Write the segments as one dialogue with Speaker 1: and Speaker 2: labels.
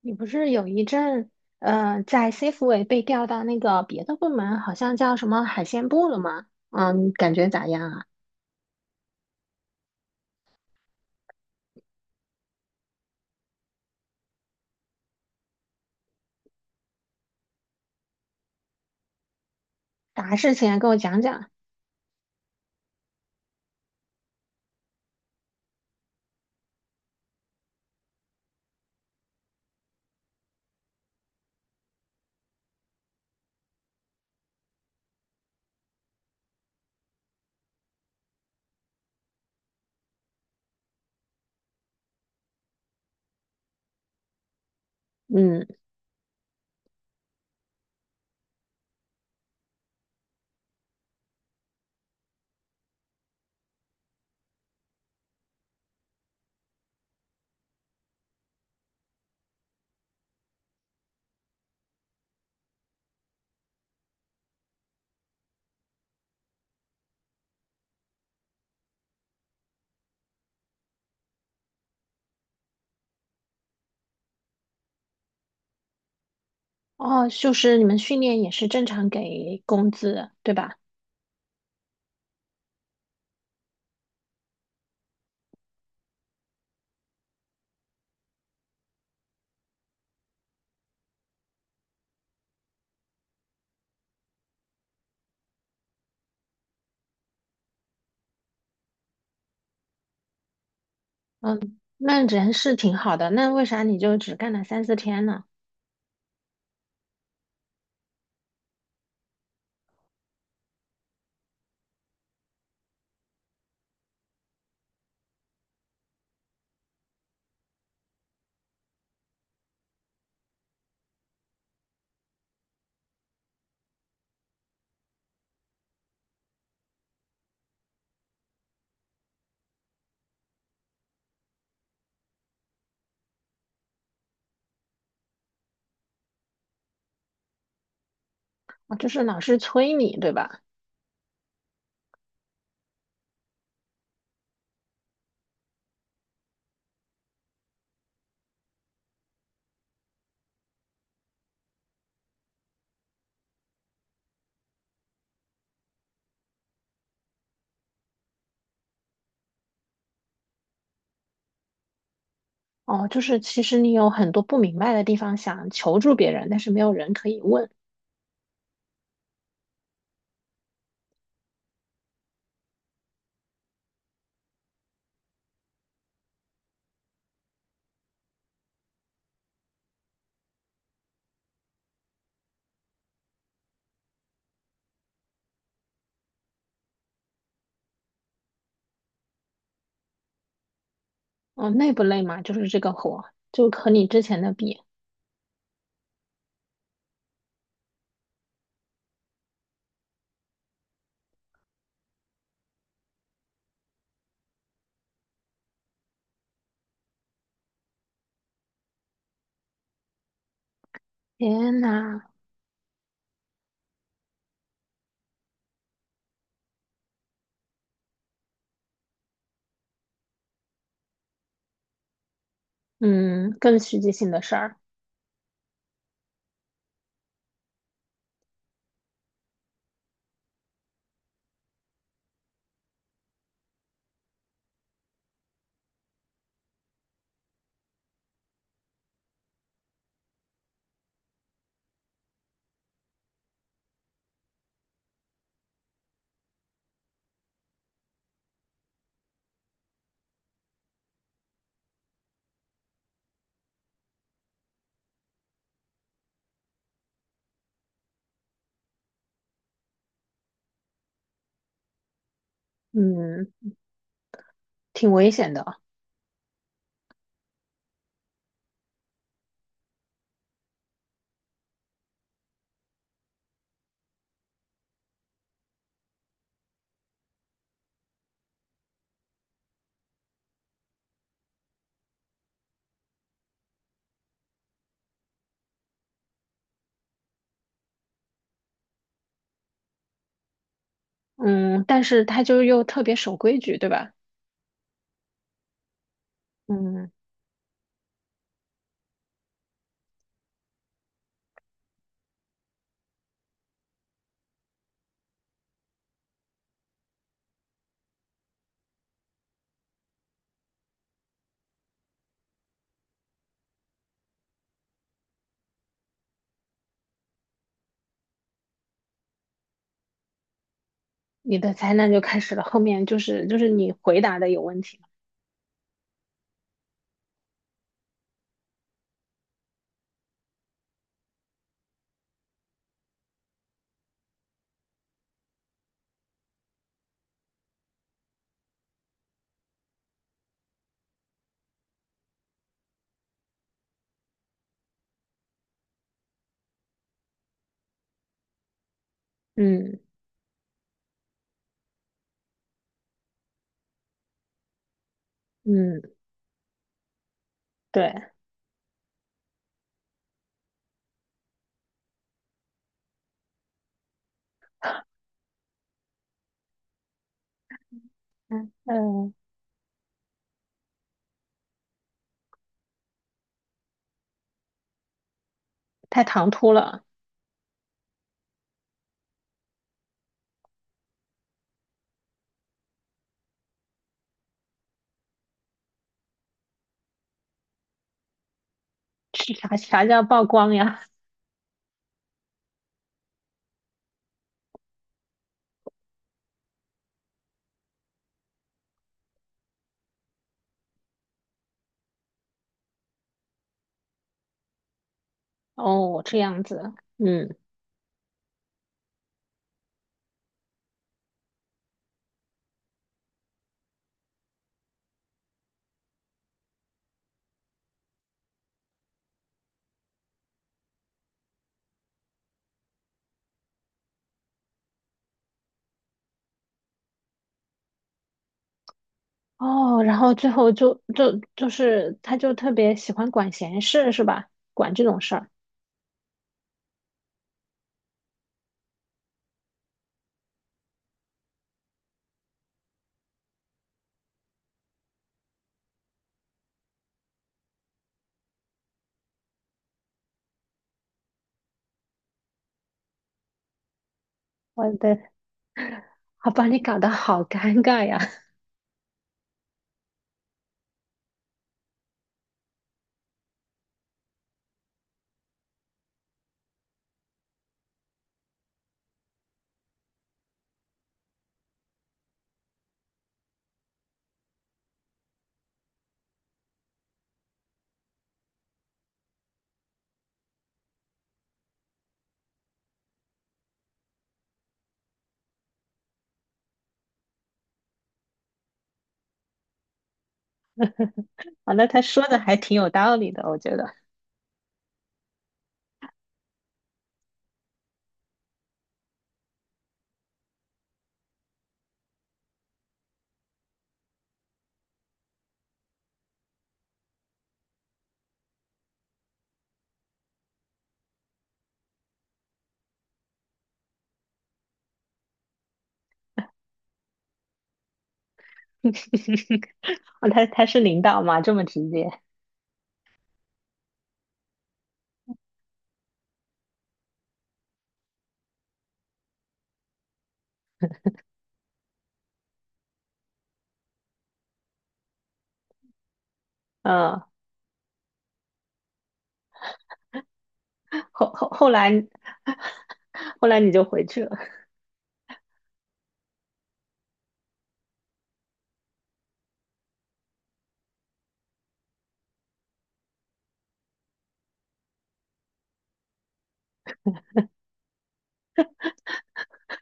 Speaker 1: 你不是有一阵，在 C a f e 被调到那个别的部门，好像叫什么海鲜部了吗？嗯，感觉咋样啊？啥事情啊？跟我讲讲。嗯，哦，就是你们训练也是正常给工资，对吧？嗯，那人是挺好的，那为啥你就只干了三四天呢？哦，就是老师催你，对吧？哦，就是其实你有很多不明白的地方，想求助别人，但是没有人可以问。哦，累不累嘛？就是这个活，就和你之前的比。天呐，嗯，更实际性的事儿，嗯，挺危险的，嗯，但是他就又特别守规矩，对吧？嗯，你的灾难就开始了，后面就是你回答的有问题，嗯嗯，对，嗯嗯，太唐突了，是啥叫曝光呀？哦，这样子，嗯，哦，然后最后就是他就特别喜欢管闲事，是吧？管这种事儿，我的，好把你搞得好尴尬呀。啊，那他说的还挺有道理的，我觉得。啊，他他是领导嘛，这么直接。嗯，后来你，后来你就回去了，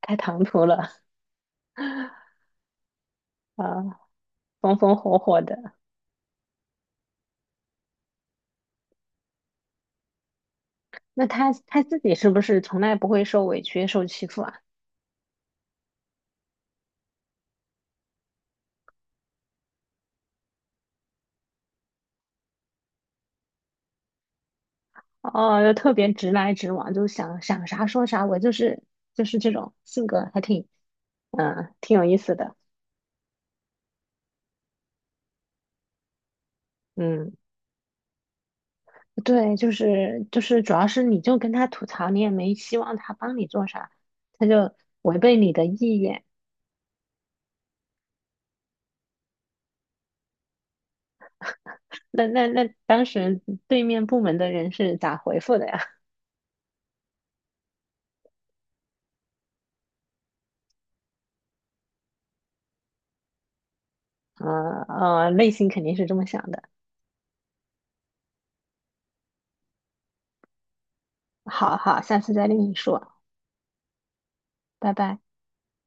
Speaker 1: 开唐突了啊，风风火火的。那他他自己是不是从来不会受委屈、受欺负啊？哦，又特别直来直往，就想啥说啥，我就是这种性格，还挺挺有意思的。嗯。对，就是，主要是你就跟他吐槽，你也没希望他帮你做啥，他就违背你的意愿。那那那，当时对面部门的人是咋回复的呀？内心肯定是这么想的。好好，下次再跟你说，拜拜。